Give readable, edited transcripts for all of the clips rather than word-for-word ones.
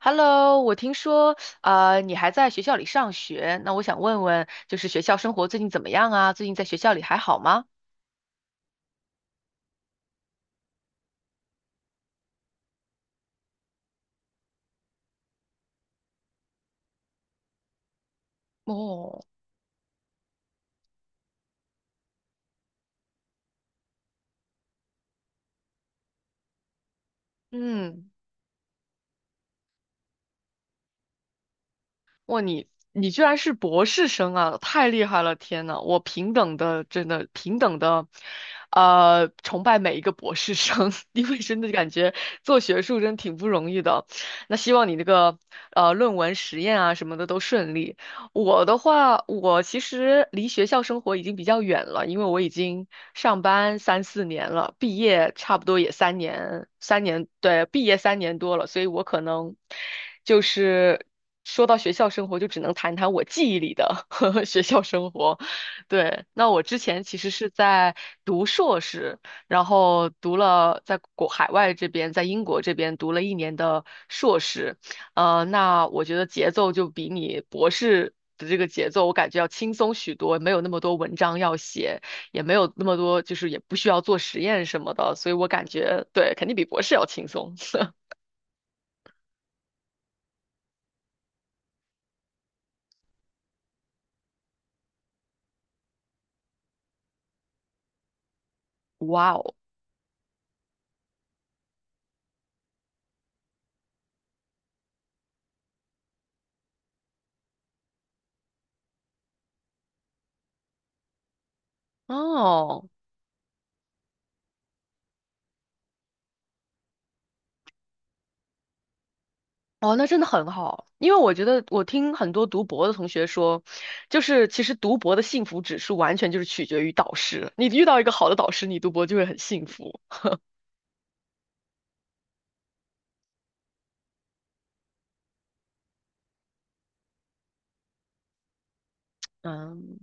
Hello,我听说啊，你还在学校里上学，那我想问问，就是学校生活最近怎么样啊？最近在学校里还好吗？哦。嗯。哇，你居然是博士生啊，太厉害了！天呐，我平等的，真的平等的，崇拜每一个博士生，因为真的感觉做学术真挺不容易的。那希望你那个论文实验啊什么的都顺利。我的话，我其实离学校生活已经比较远了，因为我已经上班三四年了，毕业差不多也三年，三年，对，毕业三年多了，所以我可能就是说到学校生活，就只能谈谈我记忆里的 学校生活。对，那我之前其实是在读硕士，然后读了在国海外这边，在英国这边读了一年的硕士。那我觉得节奏就比你博士的这个节奏，我感觉要轻松许多，没有那么多文章要写，也没有那么多，就是也不需要做实验什么的，所以我感觉对，肯定比博士要轻松。哇哦。哦。哦，那真的很好，因为我觉得我听很多读博的同学说，就是其实读博的幸福指数完全就是取决于导师。你遇到一个好的导师，你读博就会很幸福。嗯。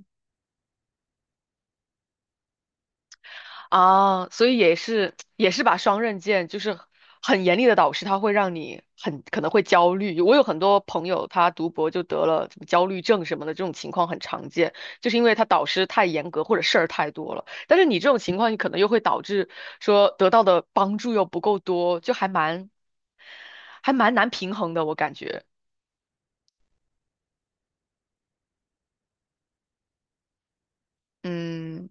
啊，所以也是也是把双刃剑，就是很严厉的导师，他会让你很可能会焦虑。我有很多朋友，他读博就得了什么焦虑症什么的，这种情况很常见，就是因为他导师太严格或者事儿太多了。但是你这种情况，你可能又会导致说得到的帮助又不够多，就还蛮还蛮难平衡的，我感觉。嗯。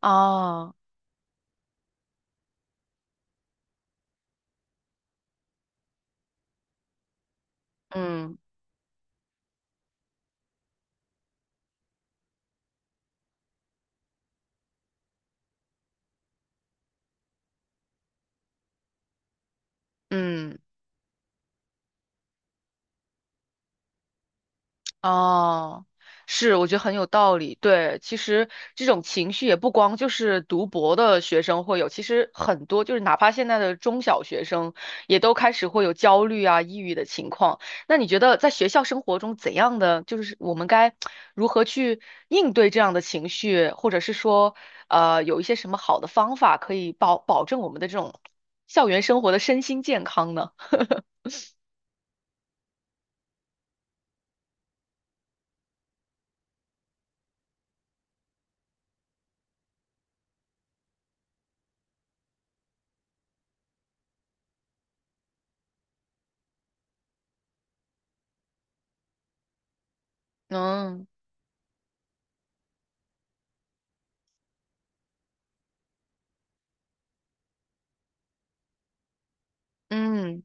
啊。嗯嗯。哦，是，我觉得很有道理。对，其实这种情绪也不光就是读博的学生会有，其实很多就是哪怕现在的中小学生也都开始会有焦虑啊、抑郁的情况。那你觉得在学校生活中怎样的，就是我们该如何去应对这样的情绪，或者是说，有一些什么好的方法可以保保证我们的这种校园生活的身心健康呢？嗯嗯。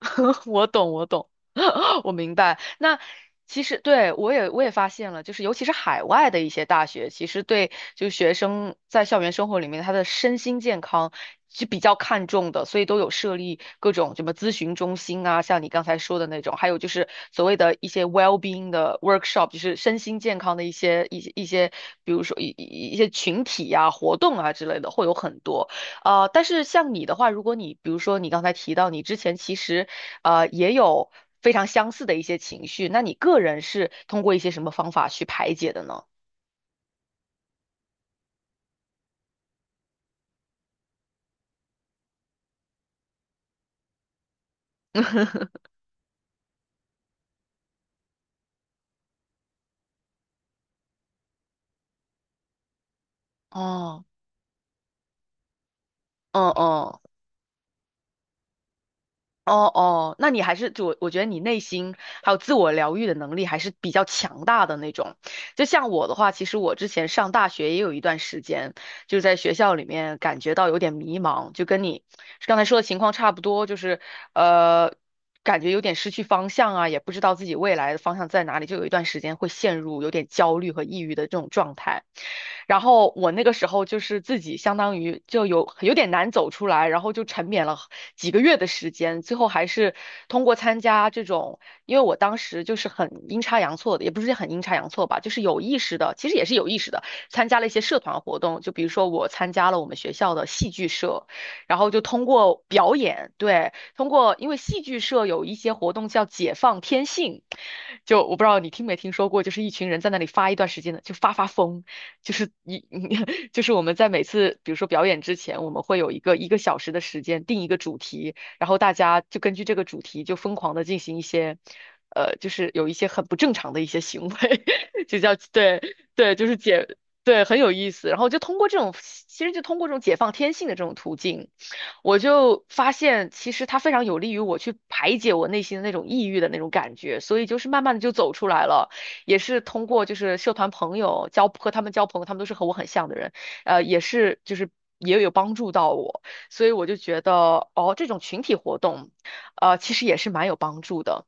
我懂，我懂，我明白。那其实对我也发现了，就是尤其是海外的一些大学，其实对就学生在校园生活里面他的身心健康是比较看重的，所以都有设立各种什么咨询中心啊，像你刚才说的那种，还有就是所谓的一些 well-being 的 workshop,就是身心健康的一些，比如说一些群体呀、活动啊之类的，会有很多。但是像你的话，如果你比如说你刚才提到你之前其实也有非常相似的一些情绪，那你个人是通过一些什么方法去排解的呢？哦。嗯嗯。哦哦，那你还是就我觉得你内心还有自我疗愈的能力还是比较强大的那种。就像我的话，其实我之前上大学也有一段时间，就是在学校里面感觉到有点迷茫，就跟你刚才说的情况差不多，就是呃，感觉有点失去方向啊，也不知道自己未来的方向在哪里，就有一段时间会陷入有点焦虑和抑郁的这种状态。然后我那个时候就是自己相当于就有点难走出来，然后就沉湎了几个月的时间，最后还是通过参加这种，因为我当时就是很阴差阳错的，也不是很阴差阳错吧，就是有意识的，其实也是有意识的，参加了一些社团活动，就比如说我参加了我们学校的戏剧社，然后就通过表演，对，通过因为戏剧社有一些活动叫解放天性，就我不知道你听没听说过，就是一群人在那里发一段时间的，就发发疯。就是一 就是我们在每次比如说表演之前，我们会有一个一个小时的时间定一个主题，然后大家就根据这个主题就疯狂的进行一些，就是有一些很不正常的一些行为，就叫对对，就是解对很有意思。然后就通过这种，其实就通过这种解放天性的这种途径，我就发现其实它非常有利于我去排解我内心的那种抑郁的那种感觉，所以就是慢慢的就走出来了。也是通过就是社团朋友交和他们交朋友，他们都是和我很像的人，也是就是也有帮助到我，所以我就觉得哦，这种群体活动，其实也是蛮有帮助的。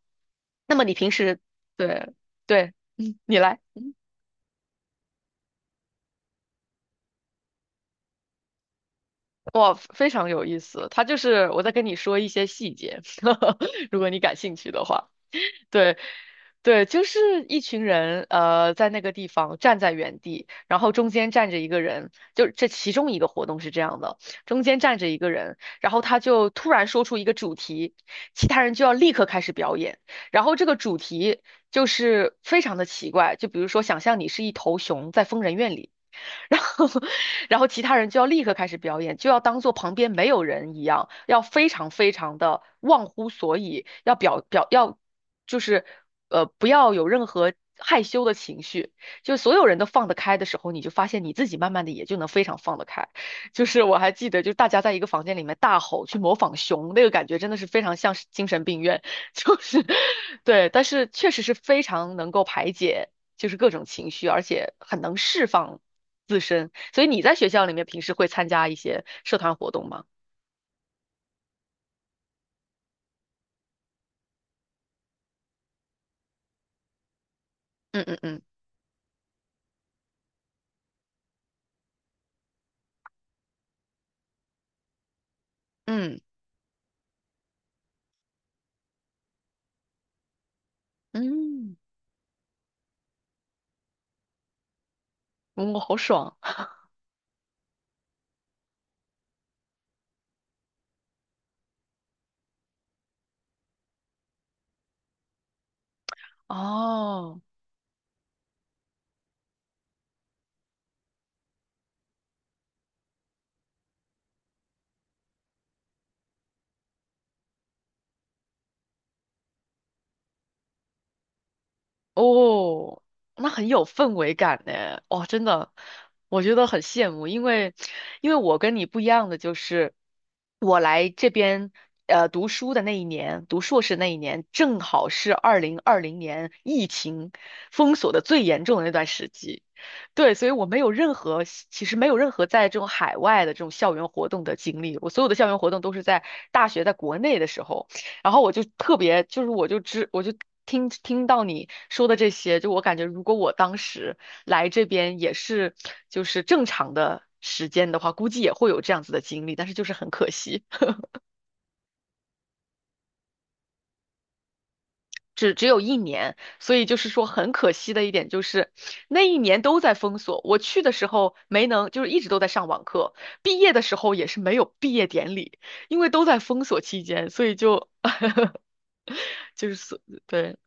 对对，嗯，你来，哇，非常有意思。他就是我在跟你说一些细节，如果你感兴趣的话。对，对，就是一群人，在那个地方站在原地，然后中间站着一个人，就这其中一个活动是这样的，中间站着一个人，然后他就突然说出一个主题，其他人就要立刻开始表演，然后这个主题就是非常的奇怪，就比如说想象你是一头熊在疯人院里。然后，然后其他人就要立刻开始表演，就要当做旁边没有人一样，要非常非常的忘乎所以，要表表要就是不要有任何害羞的情绪，就所有人都放得开的时候，你就发现你自己慢慢的也就能非常放得开。就是我还记得，就是大家在一个房间里面大吼去模仿熊，那个感觉真的是非常像是精神病院，就是对，但是确实是非常能够排解。就是各种情绪，而且很能释放自身。所以你在学校里面平时会参加一些社团活动吗？嗯嗯嗯嗯嗯，嗯我好爽 哦！哦，那很有氛围感呢。哦，真的，我觉得很羡慕，因为因为我跟你不一样的就是，我来这边读书的那一年，读硕士那一年，正好是2020年疫情封锁的最严重的那段时期。对，所以我没有任何，其实没有任何在这种海外的这种校园活动的经历。我所有的校园活动都是在大学在国内的时候。然后我就特别，就是我就知，我就听听到你说的这些，就我感觉，如果我当时来这边也是就是正常的时间的话，估计也会有这样子的经历，但是就是很可惜，只只有一年，所以就是说很可惜的一点就是那一年都在封锁，我去的时候没能，就是一直都在上网课，毕业的时候也是没有毕业典礼，因为都在封锁期间，所以就 就是所对。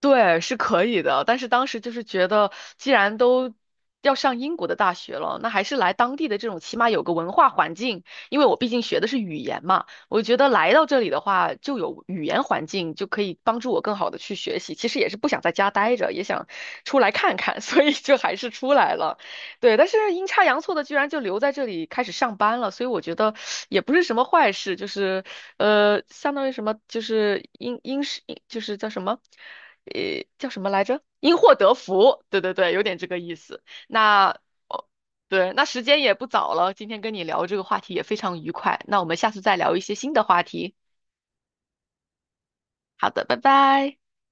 对，是可以的，但是当时就是觉得，既然都要上英国的大学了，那还是来当地的这种，起码有个文化环境。因为我毕竟学的是语言嘛，我觉得来到这里的话，就有语言环境，就可以帮助我更好的去学习。其实也是不想在家待着，也想出来看看，所以就还是出来了。对，但是阴差阳错的，居然就留在这里开始上班了，所以我觉得也不是什么坏事，就是相当于什么，就是英英式，就是叫什么？叫什么来着？因祸得福，对对对，有点这个意思。那哦，对，那时间也不早了，今天跟你聊这个话题也非常愉快，那我们下次再聊一些新的话题。好的，拜拜。